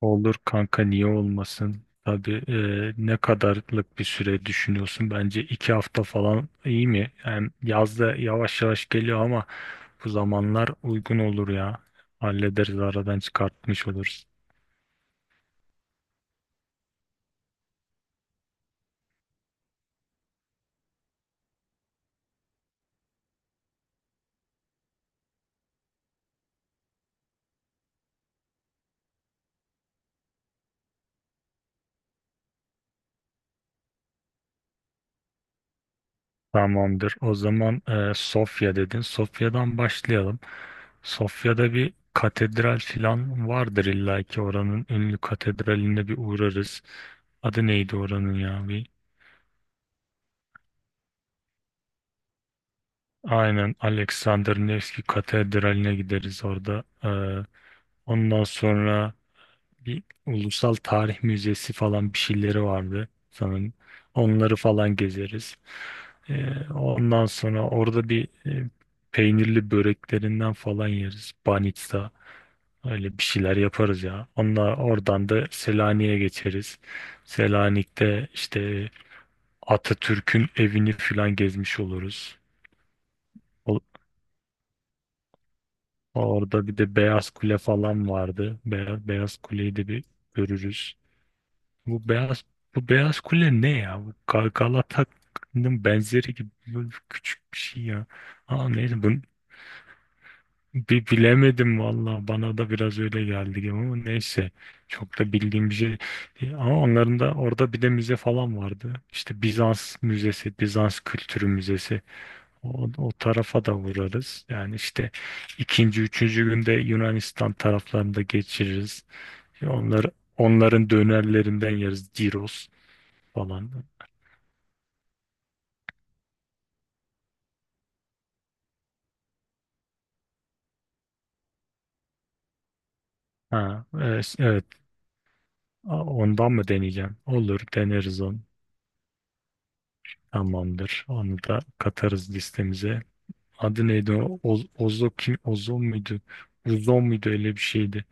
Olur kanka niye olmasın? Tabii ne kadarlık bir süre düşünüyorsun? Bence iki hafta falan iyi mi? Hem yazda yavaş yavaş geliyor ama bu zamanlar uygun olur ya. Hallederiz aradan çıkartmış oluruz. Tamamdır. O zaman Sofya dedin. Sofya'dan başlayalım. Sofya'da bir katedral filan vardır illa ki oranın ünlü katedraline bir uğrarız. Adı neydi oranın ya? Aynen Alexander Nevski Katedrali'ne gideriz orada. Ondan sonra bir Ulusal Tarih Müzesi falan bir şeyleri vardı sanırım. Onları falan gezeriz. Ondan sonra orada bir peynirli böreklerinden falan yeriz. Banitsa öyle bir şeyler yaparız ya. Onlar oradan da Selanik'e geçeriz. Selanik'te işte Atatürk'ün evini falan gezmiş oluruz. Orada bir de Beyaz Kule falan vardı. Beyaz Kule'yi de bir görürüz. Bu Beyaz bu Beyaz Kule ne ya? Bu Galata'nın benzeri gibi böyle küçük bir şey ya. Aa neyse bunu bir bilemedim valla. Bana da biraz öyle geldi gibi ama neyse. Çok da bildiğim bir şey değil. Ama onların da orada bir de müze falan vardı. İşte Bizans Müzesi, Bizans Kültürü Müzesi. O tarafa da vurarız. Yani işte ikinci, üçüncü günde Yunanistan taraflarında geçiririz. Onlar, onların dönerlerinden yeriz. Gyros falan. Ha, evet, evet. Ondan mı deneyeceğim? Olur, deneriz onu. Tamamdır. Onu da katarız listemize. Adı neydi o? Ozo kim? Ozon muydu? Uzon muydu? Öyle bir şeydi.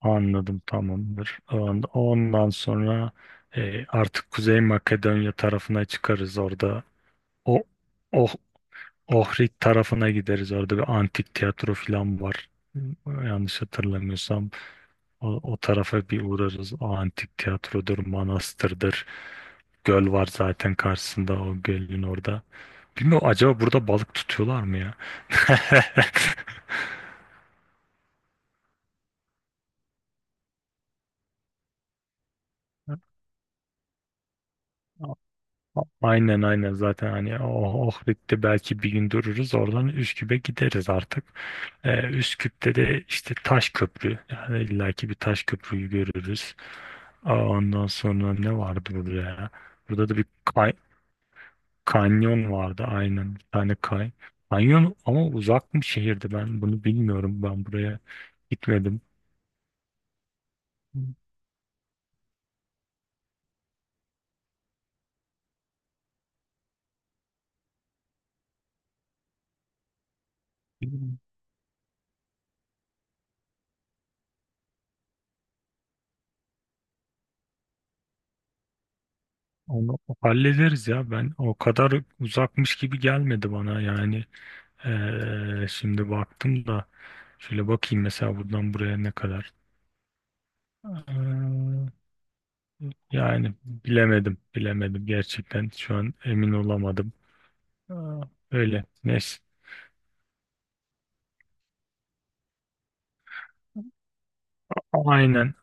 Anladım, tamamdır. Ondan sonra artık Kuzey Makedonya tarafına çıkarız orada. O oh, Ohrid tarafına gideriz. Orada bir antik tiyatro falan var. Yanlış hatırlamıyorsam o tarafa bir uğrarız. O antik tiyatrodur, manastırdır. Göl var zaten karşısında o gölün orada. Bilmiyorum acaba burada balık tutuyorlar mı ya? Aynen aynen zaten hani Ohrid'de belki bir gün dururuz oradan Üsküp'e gideriz artık. Üsküp'te de işte taş köprü yani illaki bir taş köprüyü görürüz. Aa, ondan sonra ne vardı burada ya? Burada da bir kanyon vardı aynen bir tane Kanyon ama uzak mı şehirdi ben bunu bilmiyorum ben buraya gitmedim. Onu hallederiz ya ben o kadar uzakmış gibi gelmedi bana yani. Şimdi baktım da şöyle bakayım mesela buradan buraya ne kadar. Yani bilemedim gerçekten. Şu an emin olamadım. Ee, öyle. Neyse. Aynen,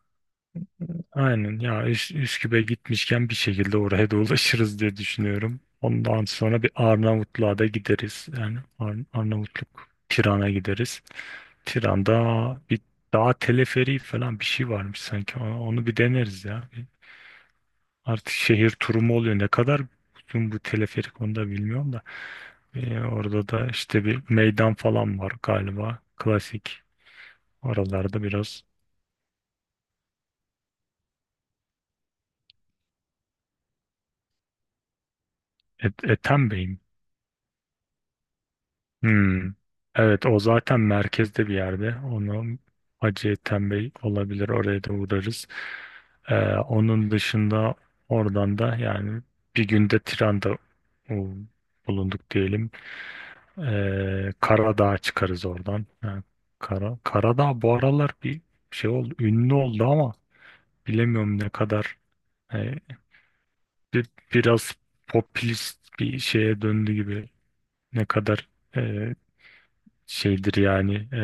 aynen. Ya Üsküp'e gitmişken bir şekilde oraya da ulaşırız diye düşünüyorum. Ondan sonra bir Arnavutluğa da gideriz. Yani Arnavutluk Tiran'a gideriz. Tiran'da bir dağ teleferiği falan bir şey varmış sanki. Onu bir deneriz ya. Artık şehir turu mu oluyor? Ne kadar uzun bu teleferik onu da bilmiyorum da. Orada da işte bir meydan falan var galiba. Klasik. Oralarda biraz Ethem Bey mi? Hmm. Evet o zaten merkezde bir yerde. Onu Hacı Ethem Bey olabilir. Oraya da uğrarız. Onun dışında oradan da yani bir günde Tiran'da o, bulunduk diyelim. Karadağ'a çıkarız oradan. Karadağ bu aralar bir şey oldu, ünlü oldu ama bilemiyorum ne kadar e, biraz popülist bir şeye döndü gibi. Ne kadar e, şeydir yani,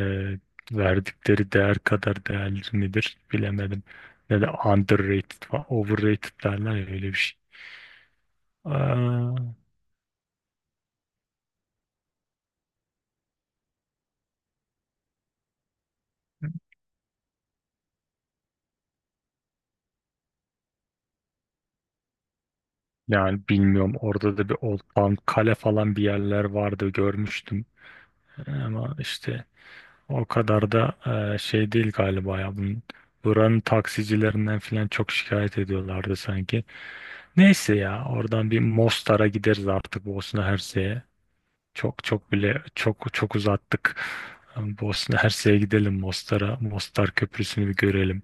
verdikleri değer kadar değerli midir bilemedim. Ne de underrated falan, overrated derler ya öyle bir şey. Aa, yani bilmiyorum orada da bir Old Town Kale falan bir yerler vardı görmüştüm ama işte o kadar da şey değil galiba ya. Buranın taksicilerinden falan çok şikayet ediyorlardı sanki. Neyse ya oradan bir Mostar'a gideriz artık Bosna Hersek'e. Çok çok bile çok çok uzattık. Bosna Hersek'e gidelim Mostar'a. Mostar Köprüsü'nü bir görelim.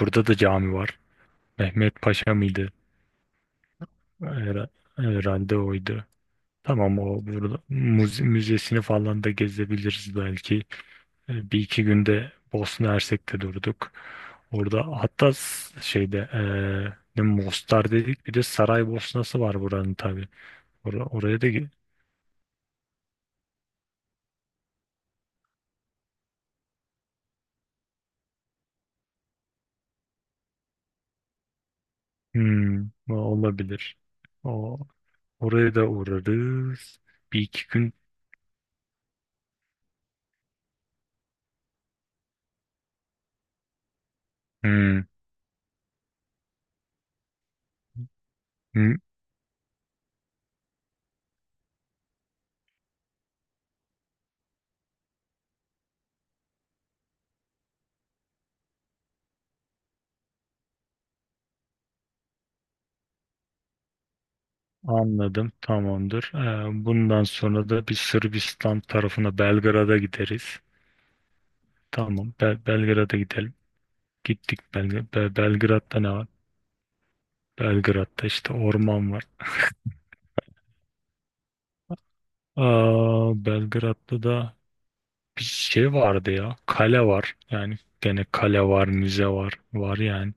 Burada da cami var. Mehmet Paşa mıydı? Her- Herhalde oydu. Tamam o burada müzesini falan da gezebiliriz belki. Bir iki günde Bosna Hersek'te durduk. Orada hatta şeyde e, ne Mostar dedik bir de Saraybosna'sı var buranın tabii. Oraya da hmm, o olabilir. O, oraya da uğrarız. Bir iki gün. Hmm, hmm, anladım, tamamdır. Bundan sonra da bir Sırbistan tarafına Belgrad'a gideriz. Tamam Belgrad'a gidelim. Gittik Belgrad'da ne var? Belgrad'da işte orman var. Aa, Belgrad'da da bir şey vardı ya. Kale var. Yani gene kale var, müze var. Var yani.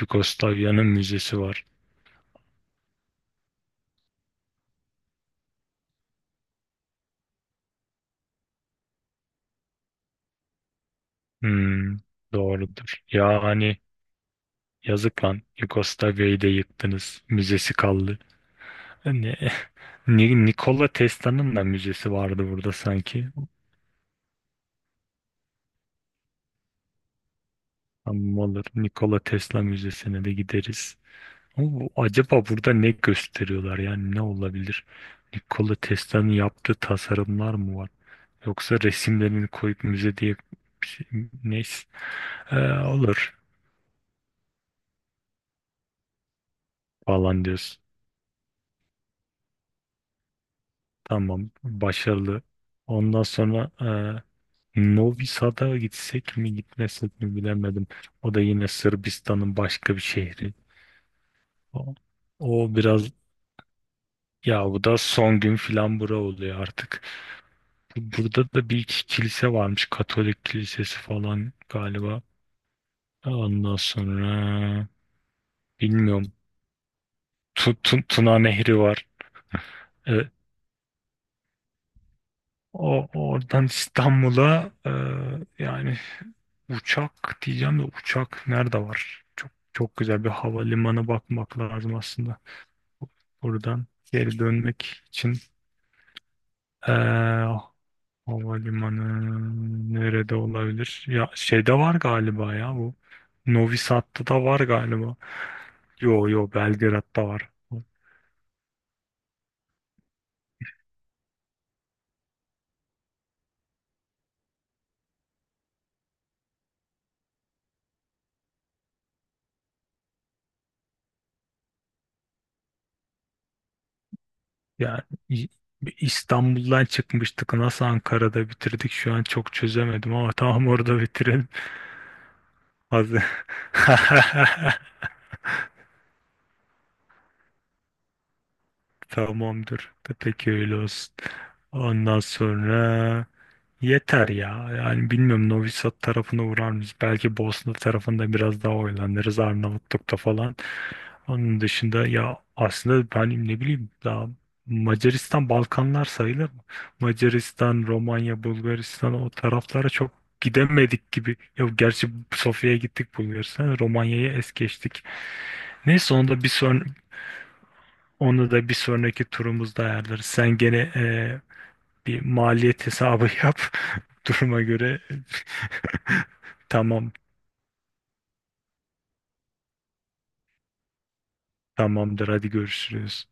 Yugoslavya'nın müzesi var. Hmm, doğrudur. Ya hani yazık lan. Yugoslavya'yı da yıktınız. Müzesi kaldı. Ne? Nikola Tesla'nın da müzesi vardı burada sanki. Ama olur. Nikola Tesla Müzesi'ne de gideriz. Ama acaba burada ne gösteriyorlar yani ne olabilir? Nikola Tesla'nın yaptığı tasarımlar mı var? Yoksa resimlerini koyup müze diye bir şey, neyse. Olur falan diyorsun. Tamam, başarılı. Ondan sonra Novi Sad'a gitsek mi gitmesek mi bilemedim. O da yine Sırbistan'ın başka bir şehri. O, o biraz ya bu da son gün filan bura oluyor artık. Burada da bir iki kilise varmış. Katolik kilisesi falan galiba. Ondan sonra bilmiyorum. Tuna Nehri var. Evet. Oradan İstanbul'a yani uçak diyeceğim de uçak nerede var? Çok çok güzel bir havalimanı bakmak lazım aslında. Buradan geri dönmek için. E, Havalimanı nerede olabilir? Ya şeyde var galiba ya bu. Novi Sad'da da var galiba. Yo Belgrad'da var. Yani İ- İstanbul'dan çıkmıştık. Nasıl Ankara'da bitirdik şu an çok çözemedim ama tamam orada bitirelim. Hazır. Tamamdır. Peki öyle olsun. Ondan sonra yeter ya. Yani bilmiyorum Novi Sad tarafına uğrar mıyız? Belki Bosna tarafında biraz daha oynanırız Arnavutluk'ta falan. Onun dışında ya aslında ben ne bileyim daha Macaristan Balkanlar sayılır mı? Macaristan, Romanya, Bulgaristan o taraflara çok gidemedik gibi. Ya gerçi Sofya'ya gittik Bulgaristan, Romanya'ya es geçtik. Neyse onu da bir sonraki turumuzda ayarlarız. Sen gene bir maliyet hesabı yap. Duruma göre tamam tamamdır hadi görüşürüz.